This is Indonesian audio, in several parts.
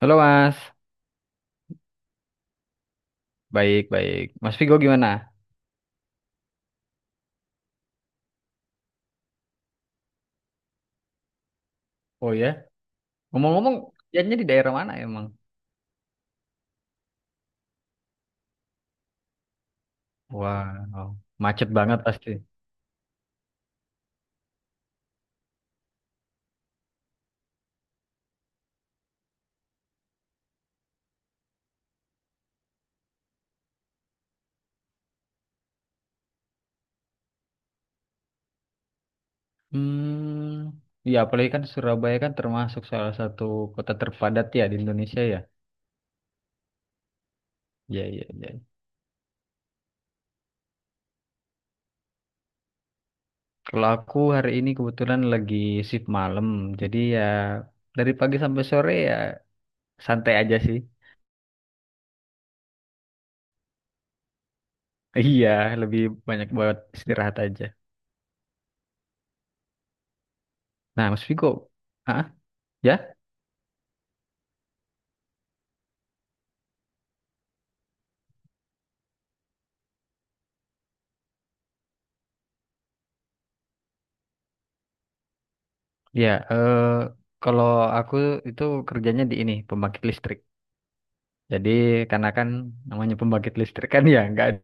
Halo Mas, baik baik. Mas Vigo gimana? Oh ya. Ngomong-ngomong, jalannya di daerah mana emang? Wow, macet banget pasti. Hmm, ya apalagi kan Surabaya kan termasuk salah satu kota terpadat ya di Indonesia ya. Ya ya ya. Kalau aku hari ini kebetulan lagi shift malam, jadi ya dari pagi sampai sore ya santai aja sih. Iya, lebih banyak buat istirahat aja. Nah, Mas Vigo, ah, ya? Ya, kalau aku itu kerjanya di ini, pembangkit listrik. Jadi karena kan namanya pembangkit listrik kan ya nggak ada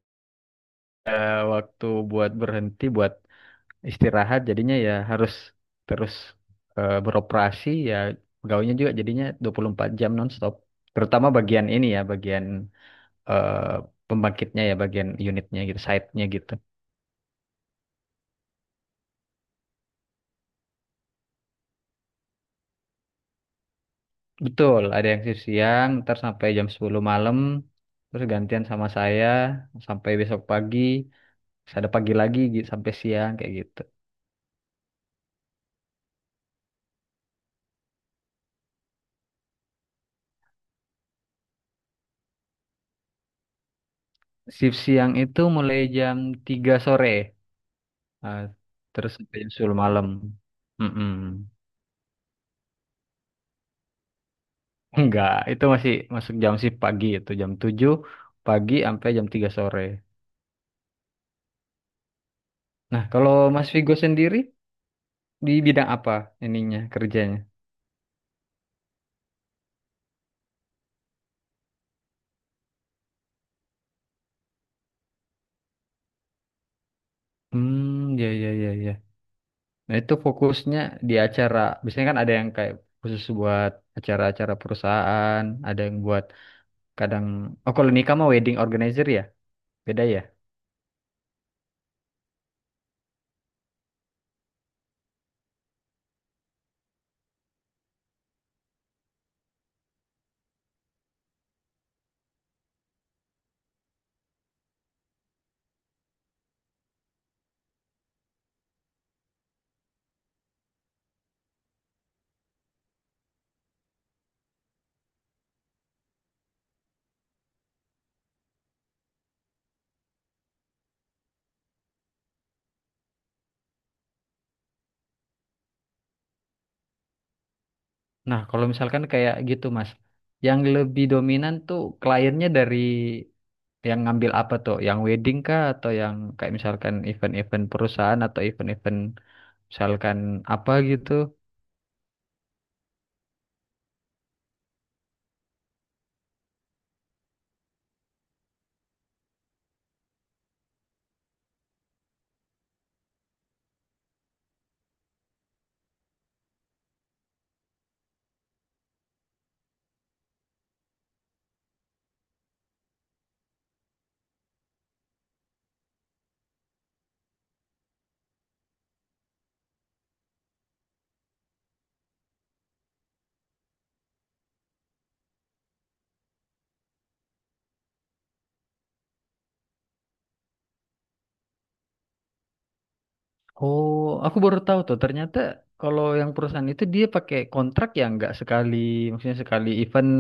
waktu buat berhenti, buat istirahat, jadinya ya harus terus beroperasi ya pegawainya juga jadinya 24 jam nonstop. Terutama bagian ini ya, bagian eh, pembangkitnya ya, bagian unitnya gitu, site-nya gitu. Betul, ada yang shift siang, ntar sampai jam 10 malam, terus gantian sama saya sampai besok pagi. Ada pagi lagi sampai siang kayak gitu. Shift siang itu mulai jam 3 sore. Nah, terus sampai jam 10 malam. Mm-mm. Enggak, itu masih masuk jam shift pagi itu jam 7 pagi sampai jam 3 sore. Nah, kalau Mas Vigo sendiri di bidang apa ininya kerjanya? Hmm, ya ya ya ya. Nah, itu fokusnya di acara. Biasanya kan ada yang kayak khusus buat acara-acara perusahaan, ada yang buat kadang, oh, kalau nikah mah wedding organizer ya. Beda ya? Nah, kalau misalkan kayak gitu, Mas, yang lebih dominan tuh kliennya dari yang ngambil apa tuh? Yang wedding kah atau yang kayak misalkan event-event perusahaan atau event-event misalkan apa gitu? Oh, aku baru tahu tuh. Ternyata kalau yang perusahaan itu dia pakai kontrak yang nggak sekali, maksudnya sekali event,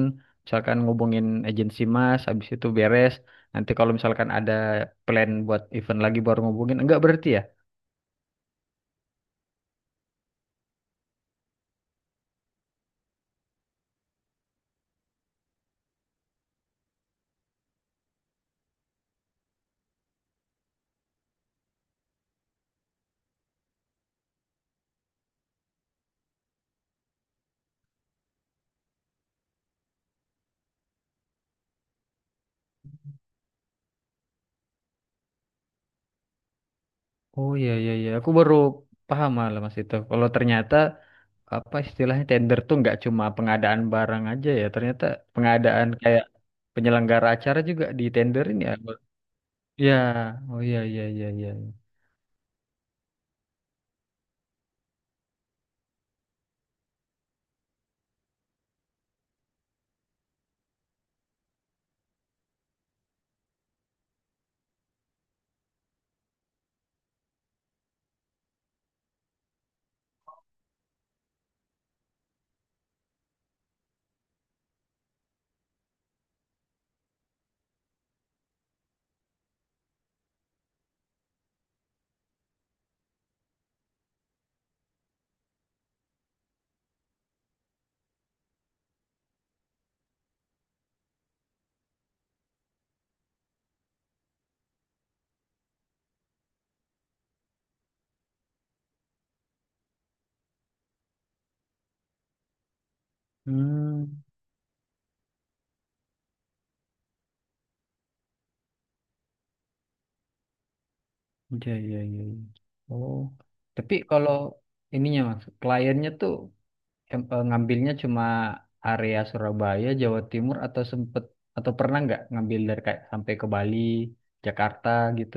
misalkan ngubungin agensi Mas, habis itu beres. Nanti kalau misalkan ada plan buat event lagi baru ngubungin, enggak berarti ya? Oh iya iya iya, aku baru paham malah mas itu. Kalau ternyata apa istilahnya tender tuh nggak cuma pengadaan barang aja ya, ternyata pengadaan kayak penyelenggara acara juga ditenderin ya. Ya, oh iya iya iya iya. Iya. Hmm, iya iya iya. Iya. Oh, tapi kalau ininya mas, kliennya tuh ngambilnya cuma area Surabaya, Jawa Timur atau sempet atau pernah nggak ngambil dari kayak sampai ke Bali, Jakarta gitu?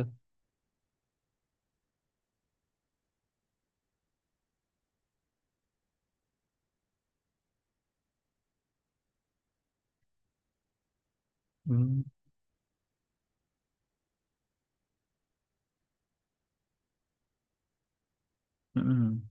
Hmm. Mm-mm.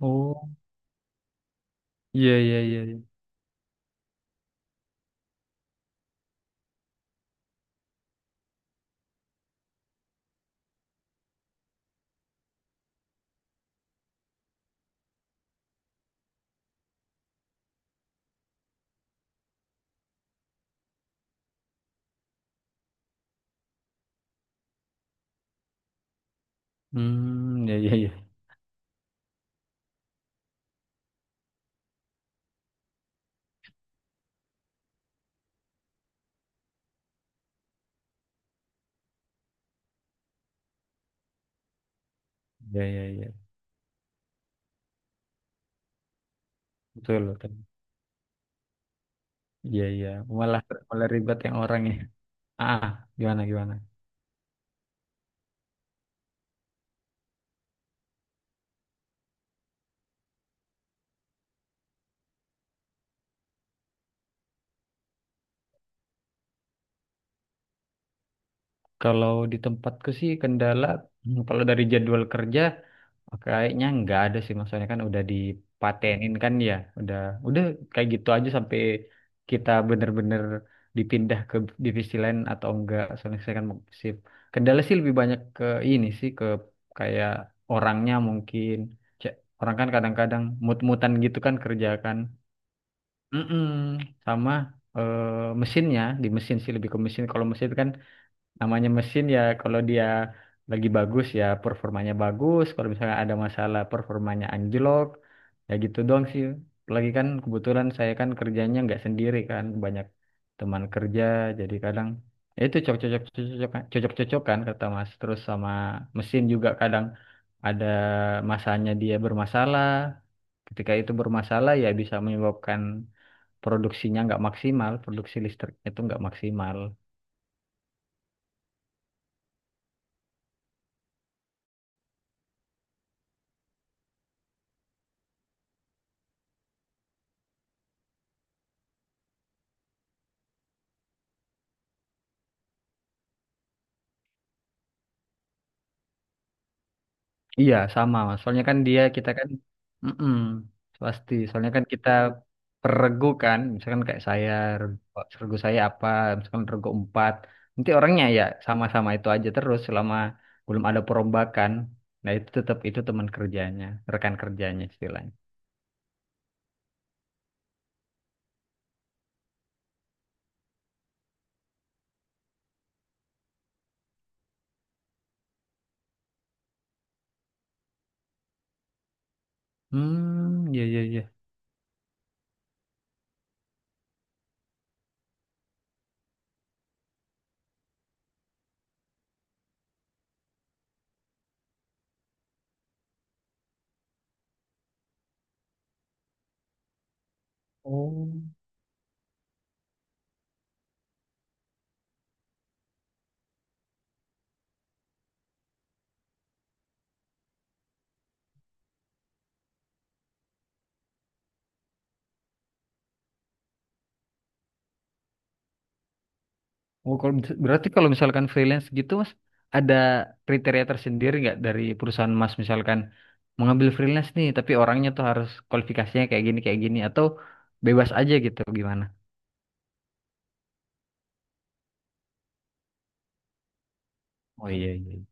Oh, iya iya iya. Iya. Hmm, iya iya iya. Iya iya iya. Betul betul. Iya iya. Malah malah ribet yang orang ya. Ah, gimana gimana? Kalau di tempatku sih kendala, kalau dari jadwal kerja kayaknya nggak ada sih, maksudnya kan udah dipatenin kan ya, udah udah kayak gitu aja sampai kita bener-bener dipindah ke divisi lain atau enggak. Soalnya saya kan mau shift. Kendala sih lebih banyak ke ini sih, ke kayak orangnya mungkin. Cek, orang kan kadang-kadang mut-mutan gitu kan kerja kan. Mm-mm. Sama eh, mesinnya, di mesin sih lebih ke mesin. Kalau mesin itu kan namanya mesin ya, kalau dia lagi bagus ya performanya bagus, kalau misalnya ada masalah performanya anjlok. Ya gitu doang sih, lagi kan kebetulan saya kan kerjanya nggak sendiri kan, banyak teman kerja, jadi kadang ya itu cocok-cocokan kata Mas, terus sama mesin juga kadang ada masanya dia bermasalah, ketika itu bermasalah ya bisa menyebabkan produksinya nggak maksimal, produksi listriknya itu nggak maksimal. Iya, sama Mas. Soalnya kan dia kita kan mm pasti. Soalnya kan kita peregu kan, misalkan kayak saya regu, regu saya apa, misalkan regu empat. Nanti orangnya ya sama-sama itu aja terus selama belum ada perombakan. Nah, itu tetap itu teman kerjanya, rekan kerjanya istilahnya. Hmm, iya iya iya. Oh. Oh, kalau berarti kalau misalkan freelance gitu, Mas, ada kriteria tersendiri nggak dari perusahaan Mas, misalkan mengambil freelance nih, tapi orangnya tuh harus kualifikasinya kayak gini atau bebas aja gitu gimana? Oh iya iya.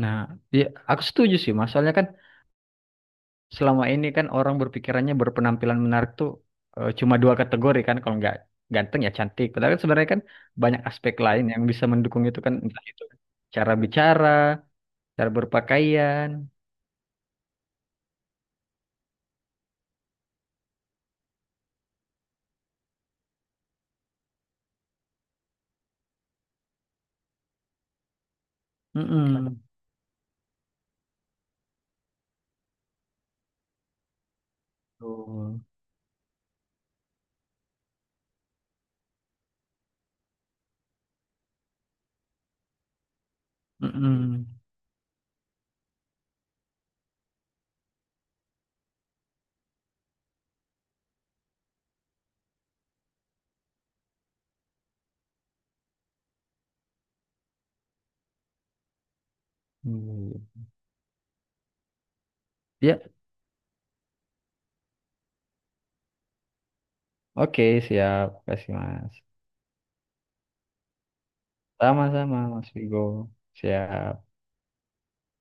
Nah, ya aku setuju sih, Mas. Soalnya kan selama ini kan orang berpikirannya berpenampilan menarik tuh cuma dua kategori kan, kalau nggak ganteng ya cantik. Padahal kan sebenarnya kan banyak aspek lain yang bisa mendukung itu kan, entah itu cara bicara, cara berpakaian. Mm-mm. Betul. Mm-mm. Hmm. Ya, oke, siap. Kasih, Mas. Sama-sama, Mas Vigo. Siap.